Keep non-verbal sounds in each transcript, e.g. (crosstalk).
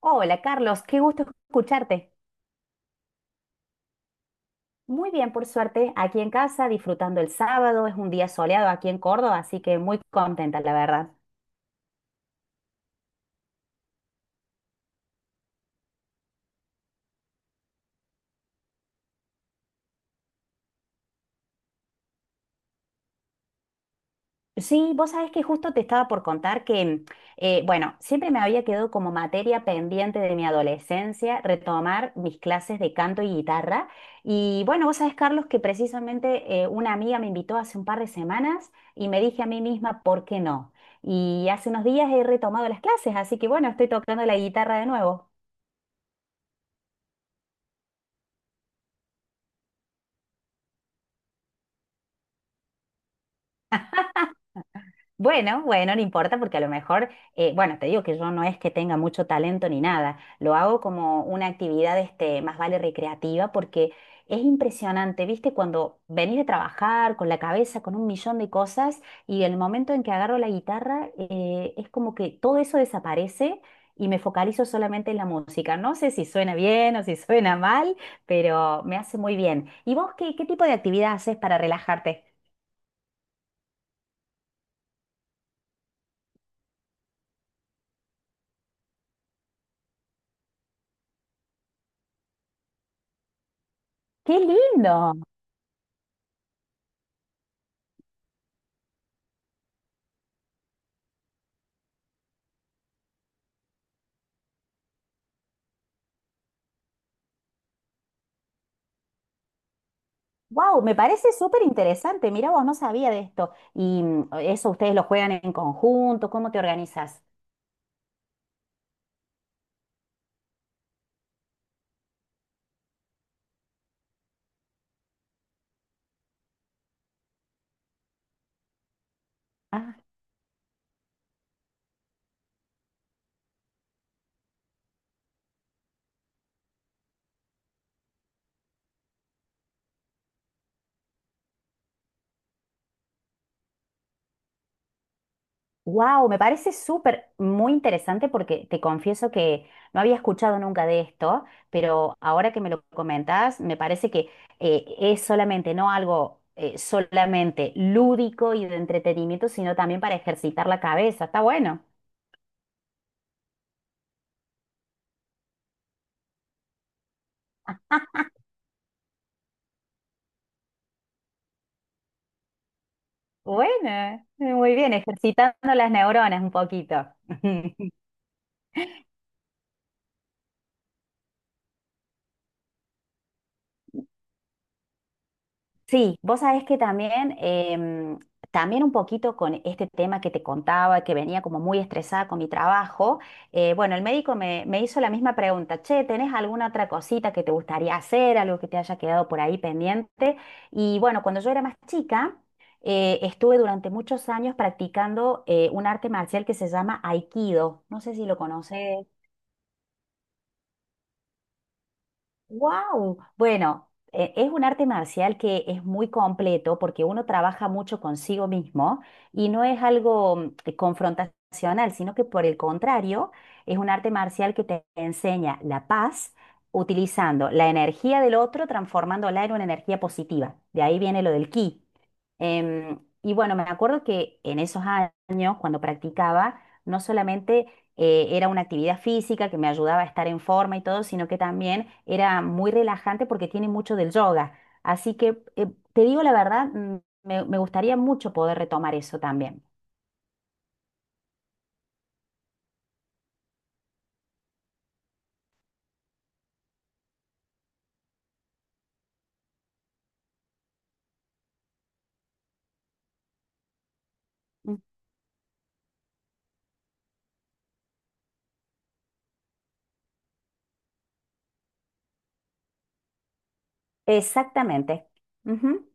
Hola Carlos, qué gusto escucharte. Muy bien, por suerte, aquí en casa, disfrutando el sábado, es un día soleado aquí en Córdoba, así que muy contenta, la verdad. Sí, vos sabés que justo te estaba por contar que, bueno, siempre me había quedado como materia pendiente de mi adolescencia retomar mis clases de canto y guitarra. Y bueno, vos sabés, Carlos, que precisamente una amiga me invitó hace un par de semanas y me dije a mí misma, ¿por qué no? Y hace unos días he retomado las clases, así que bueno, estoy tocando la guitarra de nuevo. Bueno, bueno, no importa porque a lo mejor, bueno, te digo que yo no es que tenga mucho talento ni nada, lo hago como una actividad, este, más vale recreativa porque es impresionante, ¿viste? Cuando venís de trabajar con la cabeza, con un millón de cosas y el momento en que agarro la guitarra, es como que todo eso desaparece y me focalizo solamente en la música. No sé si suena bien o si suena mal, pero me hace muy bien. ¿Y vos qué tipo de actividad haces para relajarte? ¡Qué lindo! Wow, me parece súper interesante. Mira, vos no sabía de esto. Y eso ustedes lo juegan en conjunto, ¿cómo te organizas? Ah, wow, me parece súper muy interesante porque te confieso que no había escuchado nunca de esto, pero ahora que me lo comentás, me parece que es solamente, no algo solamente lúdico y de entretenimiento, sino también para ejercitar la cabeza. Está bueno. Bueno, muy bien, ejercitando las neuronas un poquito. (laughs) Sí, vos sabés que también, también un poquito con este tema que te contaba, que venía como muy estresada con mi trabajo, bueno, el médico me hizo la misma pregunta, che, ¿tenés alguna otra cosita que te gustaría hacer, algo que te haya quedado por ahí pendiente? Y bueno, cuando yo era más chica, estuve durante muchos años practicando un arte marcial que se llama Aikido, no sé si lo conoces. Wow. Bueno, es un arte marcial que es muy completo porque uno trabaja mucho consigo mismo y no es algo confrontacional, sino que por el contrario, es un arte marcial que te enseña la paz utilizando la energía del otro, transformándola en una energía positiva. De ahí viene lo del ki. Y bueno, me acuerdo que en esos años, cuando practicaba, no solamente era una actividad física que me ayudaba a estar en forma y todo, sino que también era muy relajante porque tiene mucho del yoga. Así que, te digo la verdad, me gustaría mucho poder retomar eso también. Exactamente. Ujú.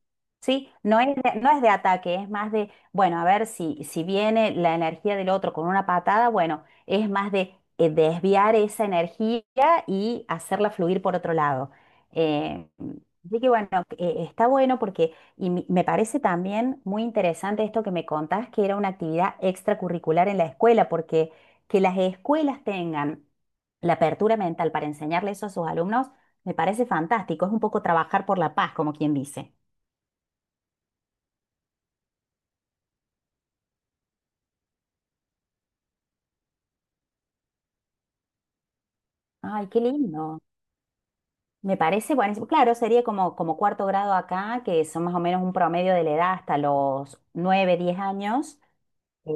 Sí, no es de ataque, es más de, bueno, a ver si viene la energía del otro con una patada, bueno, es más de desviar esa energía y hacerla fluir por otro lado. Eh, Así que bueno, está bueno porque, y me parece también muy interesante esto que me contás, que era una actividad extracurricular en la escuela, porque que las escuelas tengan la apertura mental para enseñarle eso a sus alumnos me parece fantástico, es un poco trabajar por la paz, como quien dice. Ay, qué lindo. Me parece buenísimo. Claro, sería como, como cuarto grado acá, que son más o menos un promedio de la edad hasta los 9, 10 años. Eh,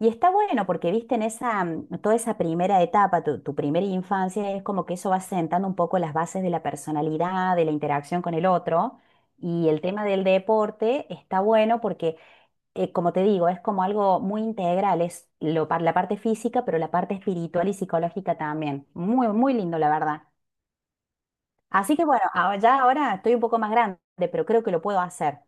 y está bueno porque, viste, en esa, toda esa primera etapa, tu primera infancia, es como que eso va sentando un poco las bases de la personalidad, de la interacción con el otro. Y el tema del deporte está bueno porque como te digo, es como algo muy integral, es la parte física, pero la parte espiritual y psicológica también. Muy, muy lindo, la verdad. Así que bueno, ya ahora estoy un poco más grande, pero creo que lo puedo hacer.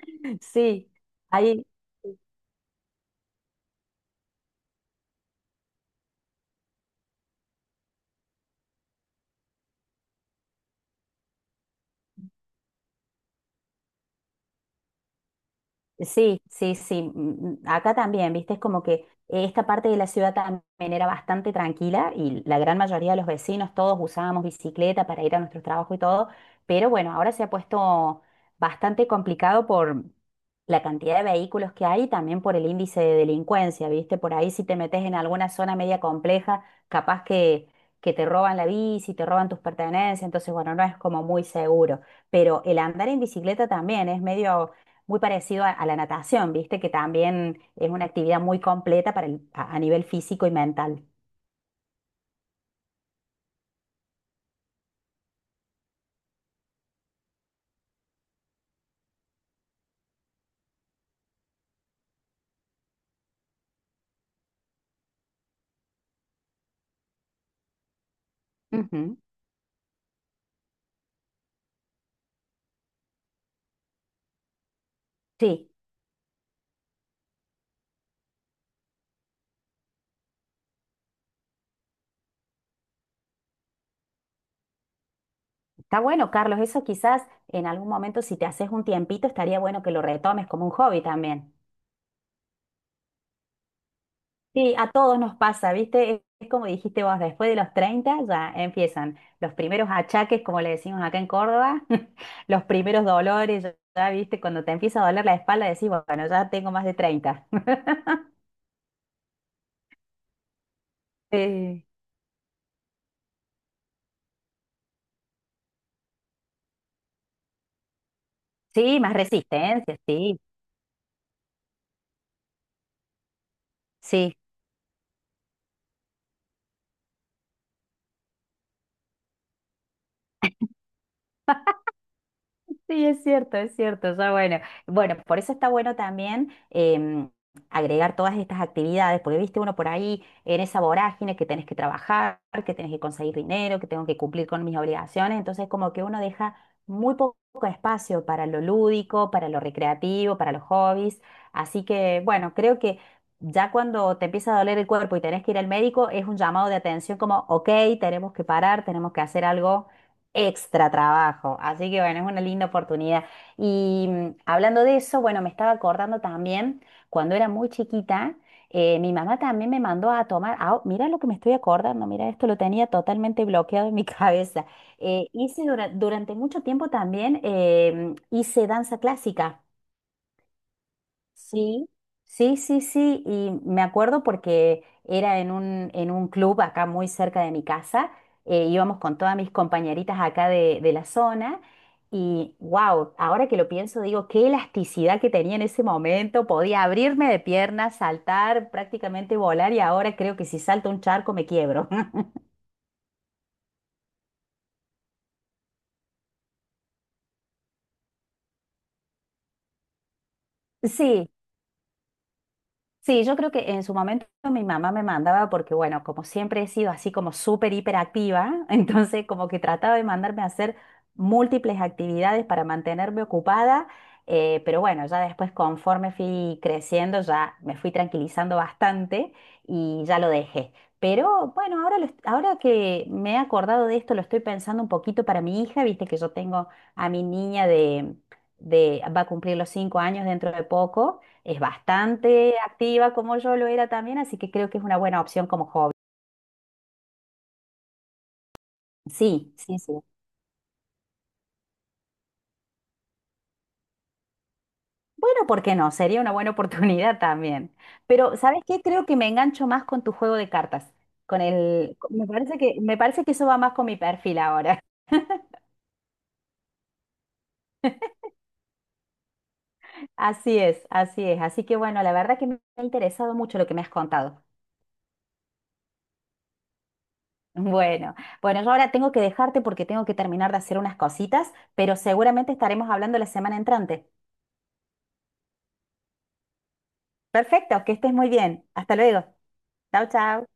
(laughs) Sí, ahí. Sí, sí, sí. Acá también, viste, es como que esta parte de la ciudad también era bastante tranquila y la gran mayoría de los vecinos, todos usábamos bicicleta para ir a nuestro trabajo y todo, pero bueno, ahora se ha puesto bastante complicado por la cantidad de vehículos que hay y también por el índice de delincuencia, viste, por ahí si te metes en alguna zona media compleja, capaz que, te roban la bici, te roban tus pertenencias, entonces bueno, no es como muy seguro, pero el andar en bicicleta también es medio muy parecido a la natación, ¿viste? Que también es una actividad muy completa para a nivel físico y mental. Ujú. Sí, está bueno, Carlos. Eso quizás en algún momento, si te haces un tiempito, estaría bueno que lo retomes como un hobby también. Sí, a todos nos pasa, ¿viste? Es como dijiste vos, después de los 30 ya empiezan los primeros achaques, como le decimos acá en Córdoba, (laughs) los primeros dolores, ya, ya, ¿viste? Cuando te empieza a doler la espalda, decís, bueno, ya tengo más de 30. (laughs) Eh, Sí, más resistencia, sí. Sí, sí, es cierto, es cierto. Ya bueno, bueno, por eso está bueno también agregar todas estas actividades, porque viste uno por ahí en esa vorágine que tenés que trabajar, que tenés que conseguir dinero, que tengo que cumplir con mis obligaciones, entonces como que uno deja muy poco espacio para lo lúdico, para lo recreativo, para los hobbies. Así que bueno, creo que ya cuando te empieza a doler el cuerpo y tenés que ir al médico, es un llamado de atención como, ok, tenemos que parar, tenemos que hacer algo. Extra trabajo. Así que bueno, es una linda oportunidad. Y hablando de eso, bueno, me estaba acordando también, cuando era muy chiquita, mi mamá también me mandó a tomar, ah, mira lo que me estoy acordando, mira, esto lo tenía totalmente bloqueado en mi (laughs) cabeza. Hice durante mucho tiempo también, hice danza clásica. Sí, sí, sí, sí, y me acuerdo porque era en un club acá muy cerca de mi casa, íbamos con todas mis compañeritas acá de la zona y wow, ahora que lo pienso digo, qué elasticidad que tenía en ese momento, podía abrirme de piernas, saltar, prácticamente volar y ahora creo que si salto un charco me quiebro. (laughs) Sí. Sí, yo creo que en su momento mi mamá me mandaba porque, bueno, como siempre he sido así como súper hiperactiva, (laughs) entonces como que trataba de mandarme a hacer múltiples actividades para mantenerme ocupada, pero bueno, ya después conforme fui creciendo ya me fui tranquilizando bastante y ya lo dejé. Pero bueno, ahora, ahora que me he acordado de esto, lo estoy pensando un poquito para mi hija, viste que yo tengo a mi niña de, va a cumplir los 5 años dentro de poco. Es bastante activa como yo lo era también, así que creo que es una buena opción como hobby. Sí, sí, sí. Bueno, ¿por qué no? Sería una buena (laughs) oportunidad también. Pero, ¿sabes qué? Creo que me engancho más con tu juego de cartas. Con el, me parece que eso va más con mi perfil ahora. (laughs) Así es, así es. Así que bueno, la verdad que me ha interesado mucho lo que me has contado. (laughs) Bueno, bueno, yo ahora tengo que dejarte porque tengo que terminar de hacer unas cositas, pero seguramente estaremos hablando la semana entrante. Perfecto, que estés muy bien. Hasta luego. Chao, chao.